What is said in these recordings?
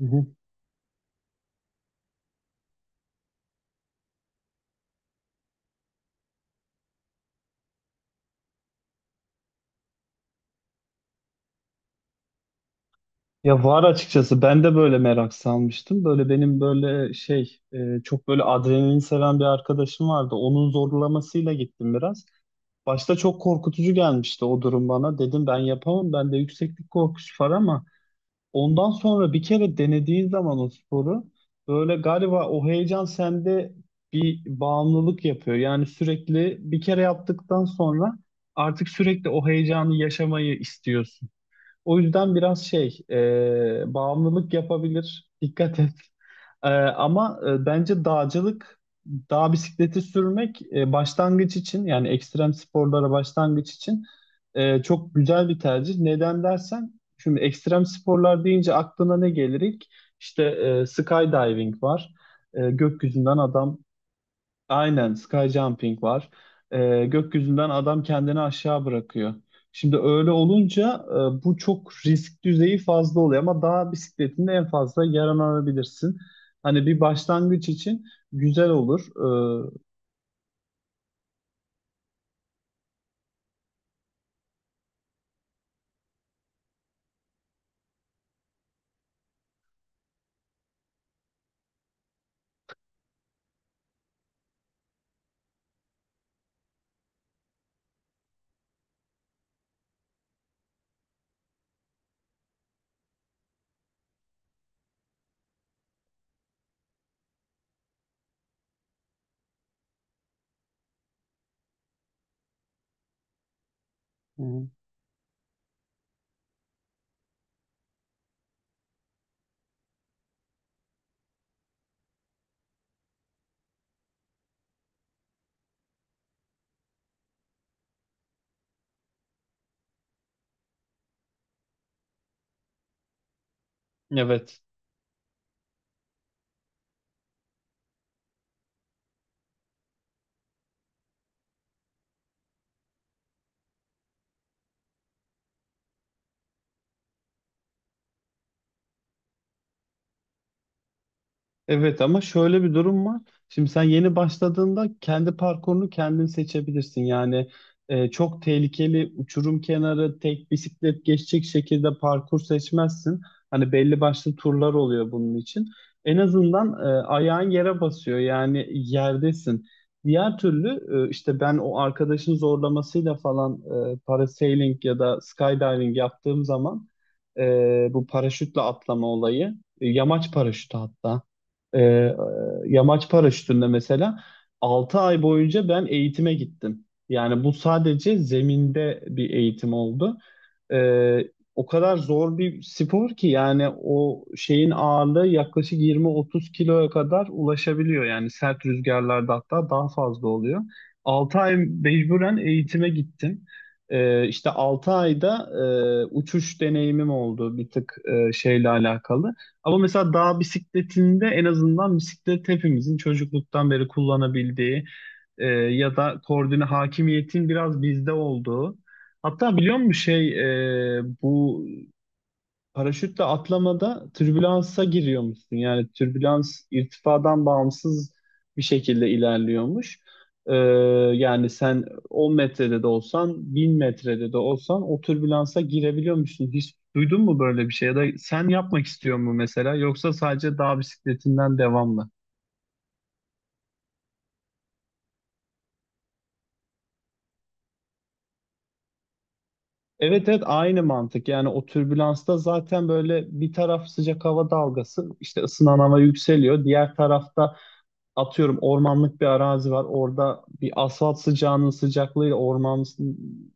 Hı hı. Ya var açıkçası ben de böyle merak salmıştım. Böyle benim böyle çok böyle adrenalin seven bir arkadaşım vardı. Onun zorlamasıyla gittim biraz. Başta çok korkutucu gelmişti o durum bana. Dedim ben yapamam. Bende yükseklik korkusu var ama ondan sonra bir kere denediğin zaman o sporu böyle galiba o heyecan sende bir bağımlılık yapıyor. Yani sürekli bir kere yaptıktan sonra artık sürekli o heyecanı yaşamayı istiyorsun. O yüzden biraz bağımlılık yapabilir. Dikkat et. Ama bence dağcılık, dağ bisikleti sürmek başlangıç için yani ekstrem sporlara başlangıç için çok güzel bir tercih. Neden dersen, şimdi ekstrem sporlar deyince aklına ne gelir ilk? İşte skydiving var. Gökyüzünden adam... Aynen sky jumping var. Gökyüzünden adam kendini aşağı bırakıyor. Şimdi öyle olunca bu çok risk düzeyi fazla oluyor ama dağ bisikletinde en fazla yaralanabilirsin. Hani bir başlangıç için güzel olur. Hı hı. Evet. Evet ama şöyle bir durum var. Şimdi sen yeni başladığında kendi parkurunu kendin seçebilirsin. Yani çok tehlikeli uçurum kenarı tek bisiklet geçecek şekilde parkur seçmezsin. Hani belli başlı turlar oluyor bunun için. En azından ayağın yere basıyor yani yerdesin. Diğer türlü işte ben o arkadaşın zorlamasıyla falan parasailing ya da skydiving yaptığım zaman bu paraşütle atlama olayı, yamaç paraşütü hatta. Ee, e, Yamaç paraşütünde mesela 6 ay boyunca ben eğitime gittim. Yani bu sadece zeminde bir eğitim oldu. E, o kadar zor bir spor ki yani o şeyin ağırlığı yaklaşık 20-30 kiloya kadar ulaşabiliyor. Yani sert rüzgarlarda hatta daha fazla oluyor. 6 ay mecburen eğitime gittim. İşte 6 ayda uçuş deneyimim oldu bir tık şeyle alakalı. Ama mesela dağ bisikletinde en azından bisiklet hepimizin çocukluktan beri kullanabildiği ya da koordine hakimiyetin biraz bizde olduğu. Hatta biliyor musun bu paraşütle atlamada türbülansa giriyormuşsun. Yani türbülans irtifadan bağımsız bir şekilde ilerliyormuş. Ee, yani sen 10 metrede de olsan, 1000 metrede de olsan o türbülansa girebiliyormuşsun. Hiç duydun mu böyle bir şey? Ya da sen yapmak istiyor mu mesela? Yoksa sadece dağ bisikletinden devam mı? Evet, evet, aynı mantık. Yani o türbülansta zaten böyle bir taraf sıcak hava dalgası, işte ısınan hava yükseliyor. Diğer tarafta atıyorum ormanlık bir arazi var. Orada bir asfalt sıcağının sıcaklığıyla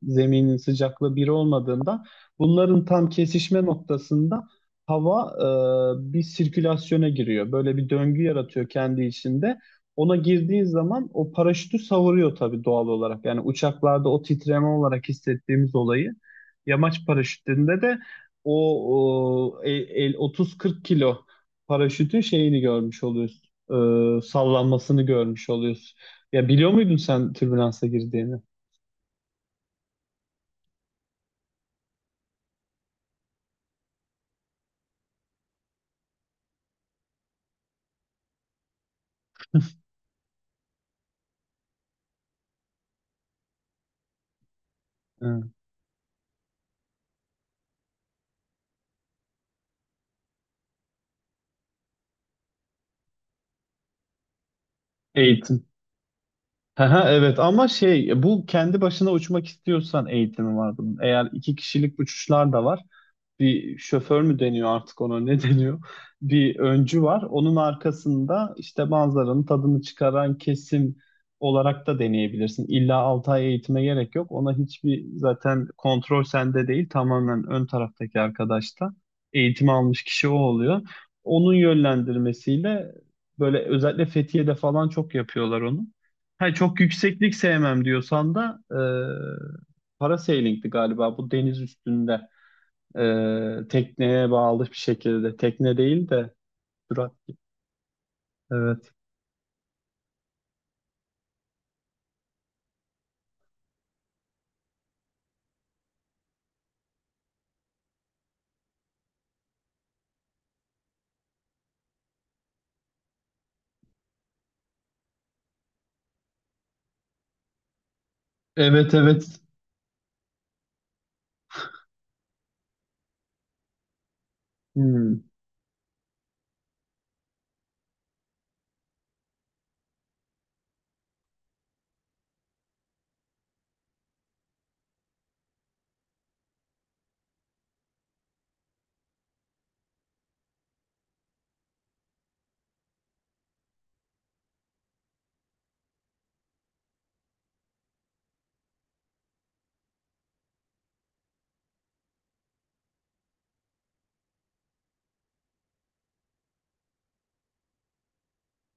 zeminin sıcaklığı bir olmadığında bunların tam kesişme noktasında hava bir sirkülasyona giriyor. Böyle bir döngü yaratıyor kendi içinde. Ona girdiği zaman o paraşütü savuruyor tabii doğal olarak. Yani uçaklarda o titreme olarak hissettiğimiz olayı yamaç paraşütünde de o, o el 30-40 kilo paraşütün şeyini görmüş oluyorsun sallanmasını görmüş oluyorsun. Ya biliyor muydun sen türbülansa girdiğini? Hı. Eğitim. Aha, evet ama bu kendi başına uçmak istiyorsan eğitimi var bunun. Eğer iki kişilik uçuşlar da var. Bir şoför mü deniyor artık ona ne deniyor? Bir öncü var. Onun arkasında işte manzaranın tadını çıkaran kesim olarak da deneyebilirsin. İlla 6 ay eğitime gerek yok. Ona hiçbir zaten kontrol sende değil. Tamamen ön taraftaki arkadaşta. Eğitim almış kişi o oluyor. Onun yönlendirmesiyle böyle özellikle Fethiye'de falan çok yapıyorlar onu. Ha, çok yükseklik sevmem diyorsan da Parasailing'di galiba bu deniz üstünde. Tekneye bağlı bir şekilde. Tekne değil de sürat. Evet. Evet, evet. Hmm,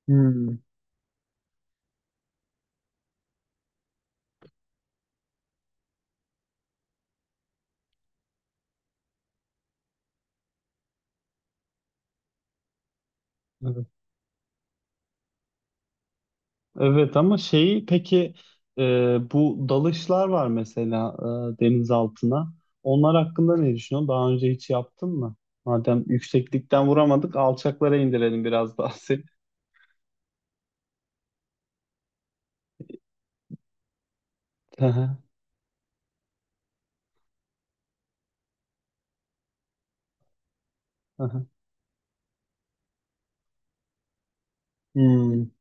hmm. Evet. Evet ama şeyi peki e, bu dalışlar var mesela deniz altına. Onlar hakkında ne düşünüyorsun? Daha önce hiç yaptın mı? Madem yükseklikten vuramadık, alçaklara indirelim biraz daha seni. Hı hı. Hmm.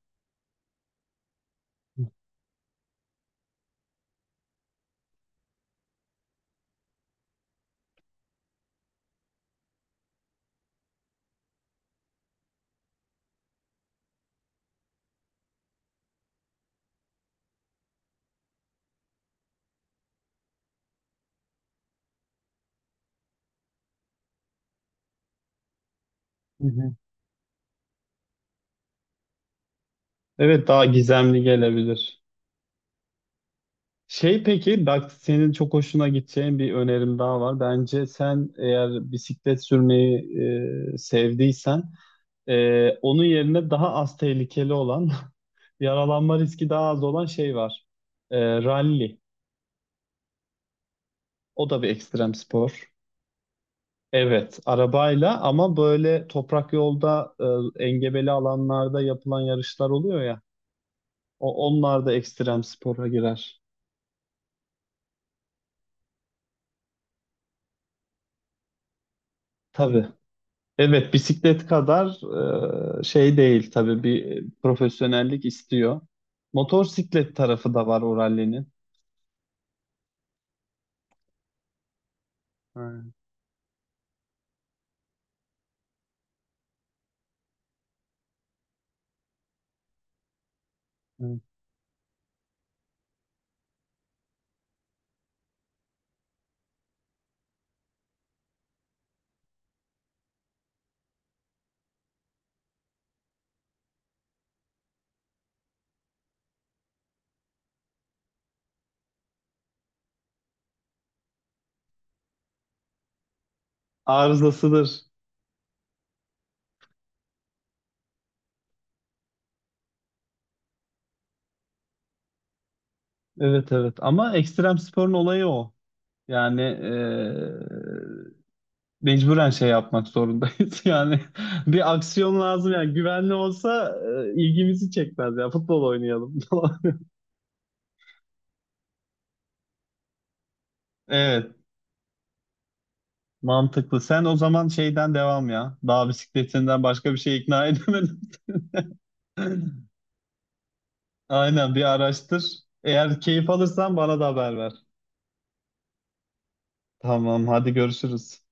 Hı hı. Evet daha gizemli gelebilir. Peki bak senin çok hoşuna gideceğin bir önerim daha var. Bence sen eğer bisiklet sürmeyi sevdiysen onun yerine daha az tehlikeli olan yaralanma riski daha az olan şey var. Rally. O da bir ekstrem spor. Evet, arabayla ama böyle toprak yolda engebeli alanlarda yapılan yarışlar oluyor ya. Onlar da ekstrem spora girer. Tabii. Evet, bisiklet kadar şey değil tabii bir profesyonellik istiyor. Motorsiklet tarafı da var o rallinin. Ha, evet. Arızasıdır. Evet, evet, ama ekstrem sporun olayı o. Yani mecburen şey yapmak zorundayız. Yani bir aksiyon lazım yani güvenli olsa ilgimizi çekmez ya futbol oynayalım. falan. Evet, mantıklı. Sen o zaman şeyden devam ya. Dağ bisikletinden başka bir şey ikna edemedim. Aynen bir araştır. Eğer keyif alırsan bana da haber ver. Tamam, hadi görüşürüz.